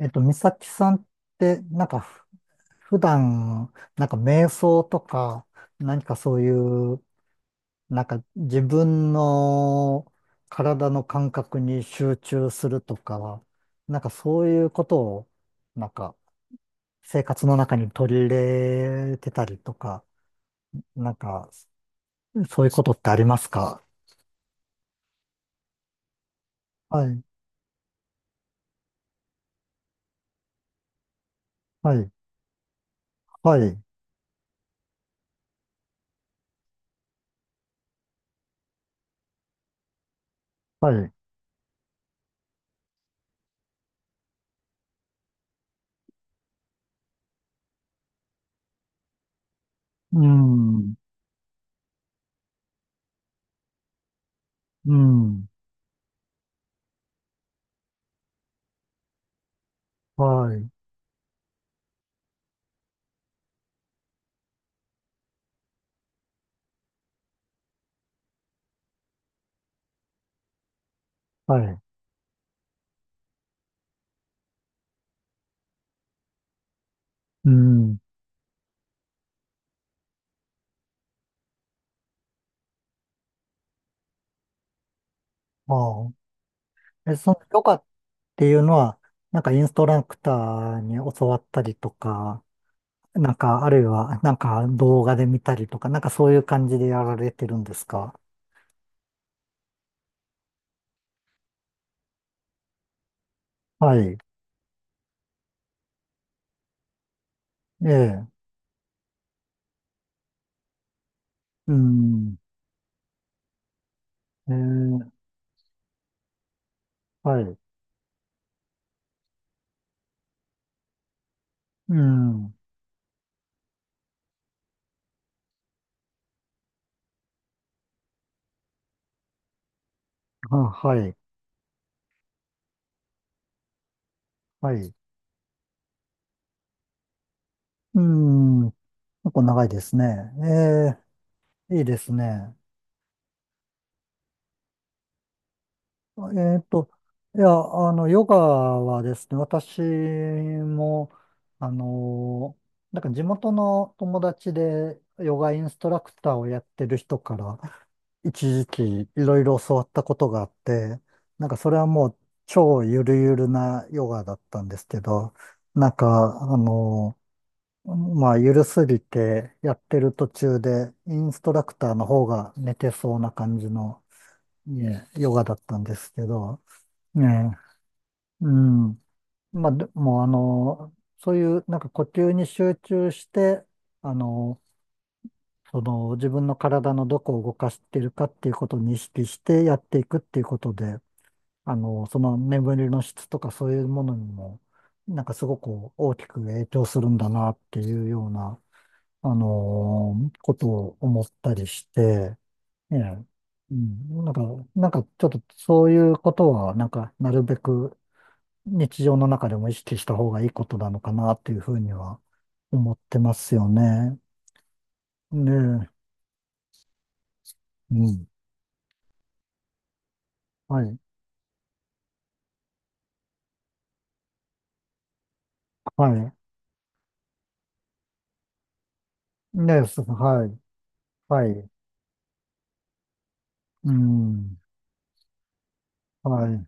美咲さんって、なんか普段、なんか瞑想とか、何かそういう、なんか自分の体の感覚に集中するとか、なんかそういうことを、なんか生活の中に取り入れてたりとか、なんか、そういうことってありますか？はい、はい、はい、はい。うん、うん、はい、はい、うん。ああ。え、そのヨガていうのは、なんかインストラクターに教わったりとか、なんか、あるいは、なんか動画で見たりとか、なんかそういう感じでやられてるんですか？はい。ええ。うん。ええ。はい。うん。あ、はい。はい。うん。結構長いですね。ええ。いいですね。えっと、いや、ヨガはですね、私も、あの、なんか地元の友達でヨガインストラクターをやってる人から一時期いろいろ教わったことがあって、なんかそれはもう超ゆるゆるなヨガだったんですけど、なんか、まあ、ゆるすぎてやってる途中でインストラクターの方が寝てそうな感じの、ねヨガだったんですけど、ねえ、うん。まあ、でも、そういう、なんか呼吸に集中して、あの、その、自分の体のどこを動かしているかっていうことに意識してやっていくっていうことで、その眠りの質とかそういうものにも、なんかすごく大きく影響するんだなっていうような、あの、ことを思ったりして、ええ、うん、なんか、なんかちょっとそういうことは、なんか、なるべく、日常の中でも意識した方がいいことなのかなっていうふうには思ってますよね。ねえ。うん。はい。はい。ねえ、はい。はい。うん。はい。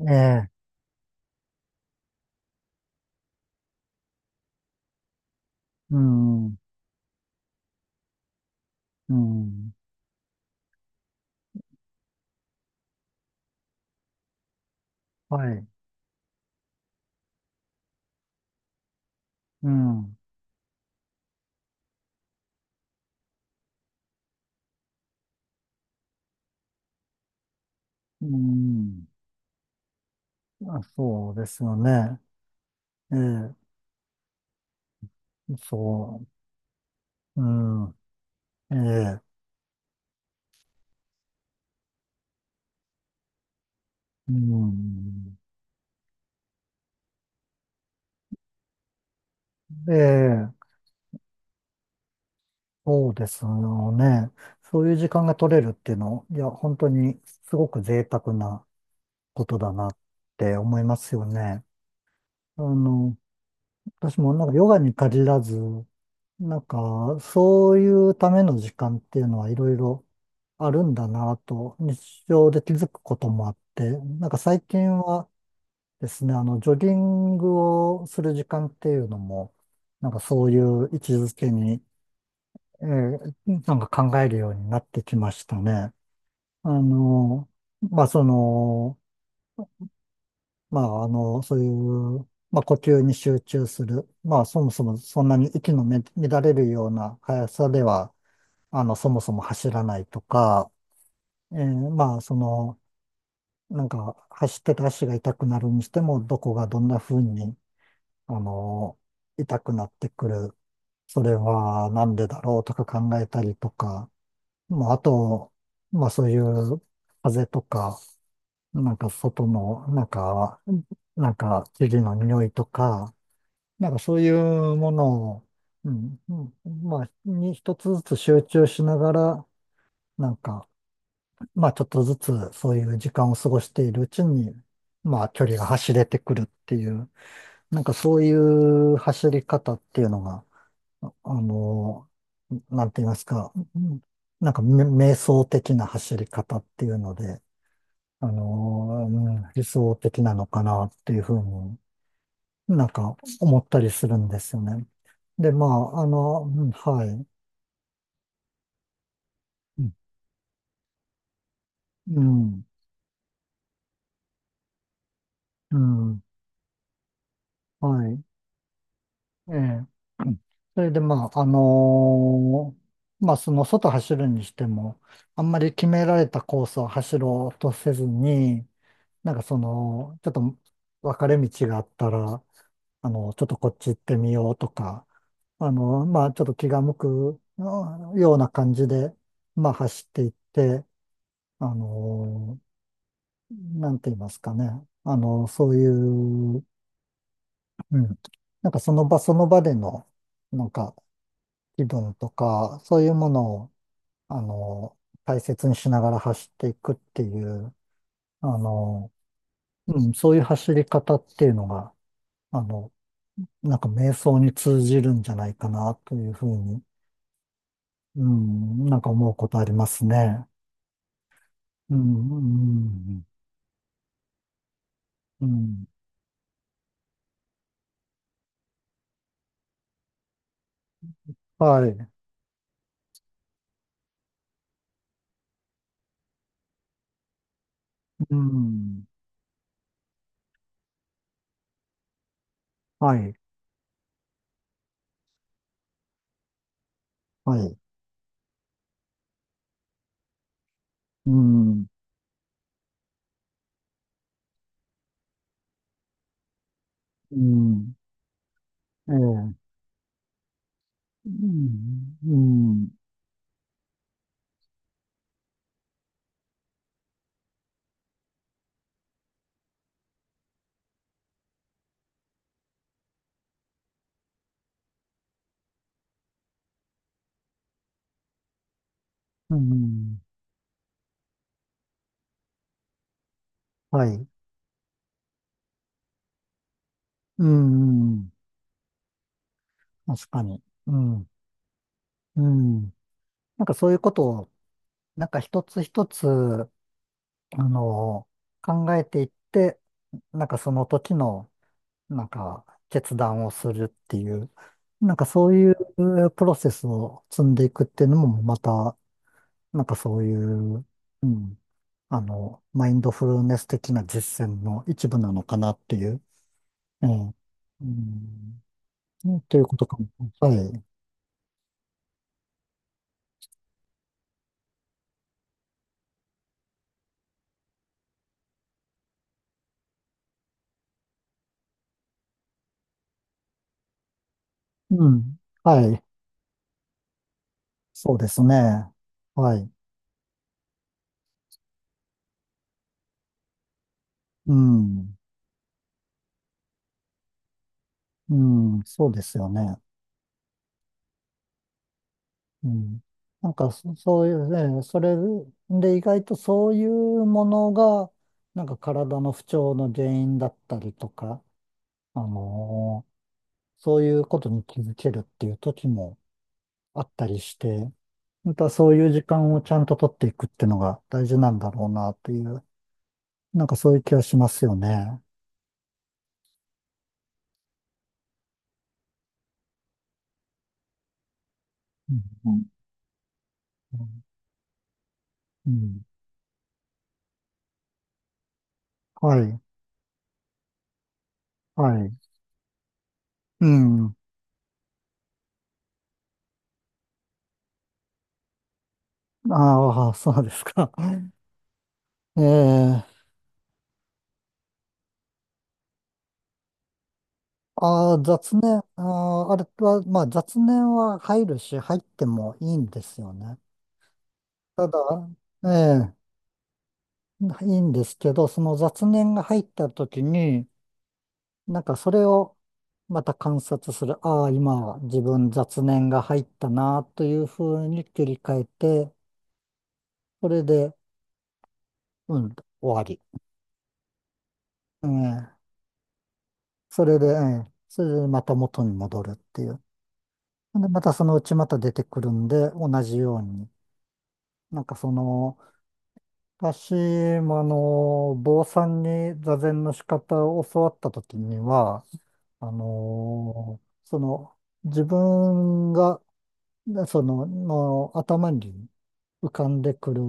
ええ。うん。うん。はい。うん。うん。あ、そうですよね。ええ。そう。うん。ええ。うん。で、そうですよね。そういう時間が取れるっていうの、いや、本当にすごく贅沢なことだなって思いますよね。あの、私もなんかヨガに限らず、なんかそういうための時間っていうのはいろいろあるんだなと日常で気づくこともあって、なんか最近はですね、ジョギングをする時間っていうのも、なんかそういう位置づけにえーなんか考えるようになってきましたね。あの、まあ、その、まあ、そういう、まあ、呼吸に集中する。まあ、そもそもそんなに息の乱れるような速さでは、そもそも走らないとか、まあ、その、なんか、走ってた足が痛くなるにしても、どこがどんな風に、あの、痛くなってくる。それはなんでだろうとか考えたりとか、まあ、あと、まあそういう風とか、なんか外の、なんか、なんか生地の匂いとか、なんかそういうものを、うん、うん、まあ、に一つずつ集中しながら、なんか、まあちょっとずつそういう時間を過ごしているうちに、まあ距離が走れてくるっていう、なんかそういう走り方っていうのが、あの、なんて言いますか、うん、なんか瞑想的な走り方っていうので、うん、理想的なのかなっていうふうになんか思ったりするんですよね。で、まあ、うん、はい。うん、うん、はい。ええ。うん、それで、まあ、まあ、その外走るにしても、あんまり決められたコースを走ろうとせずに、なんかその、ちょっと分かれ道があったら、ちょっとこっち行ってみようとか、まあちょっと気が向くような感じで、まあ走っていって、あの、なんて言いますかね。そういう、うん、なんかその場その場での、なんか気分とか、そういうものを、あの、大切にしながら走っていくっていう、あの、うん、そういう走り方っていうのが、あの、なんか瞑想に通じるんじゃないかなというふうに、うん、なんか思うことありますね。うん、うん、うん。はい、うん、はい、はい、うん、うん、ええ、うん、うん、うん、はい、うん、確かに、うん、うん。なんかそういうことを、なんか一つ一つ、あの、考えていって、なんかその時の、なんか決断をするっていう、なんかそういうプロセスを積んでいくっていうのもまた、なんかそういう、うん、マインドフルネス的な実践の一部なのかなっていう、ええ、うん、うんということかも。はい。うん。はい。そうですね。はい。うん。うん。そうですよね。うん。なんかそういうね、それで意外とそういうものが、なんか体の不調の原因だったりとか、あのーそういうことに気づけるっていう時もあったりして、またそういう時間をちゃんと取っていくっていうのが大事なんだろうなっていう、なんかそういう気がしますよね。うん。うん。はい。はい。うん。ああ、そうですか。ええ、ああ、雑念、あれは、まあ雑念は入るし、入ってもいいんですよね。ただ、ええ、いいんですけど、その雑念が入った時に、なんかそれをまた観察する。ああ、今自分雑念が入ったな、というふうに切り替えて、それで、うん、終わり。ええ、それで、ええ、それでまた元に戻るっていう。で、またそのうちまた出てくるんで、同じように。なんかその、私もあの、坊さんに座禅の仕方を教わったときには、あの、その、自分が、その、頭に浮かんでくる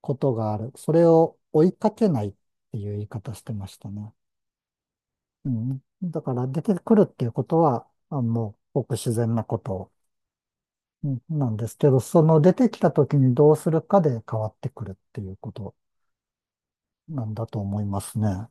ことがある。それを追いかけないっていう言い方してましたね。うん。だから出てくるっていうことは、あ、もう、ごく自然なこと、うん、なんですけど、その出てきたときにどうするかで変わってくるっていうことなんだと思いますね。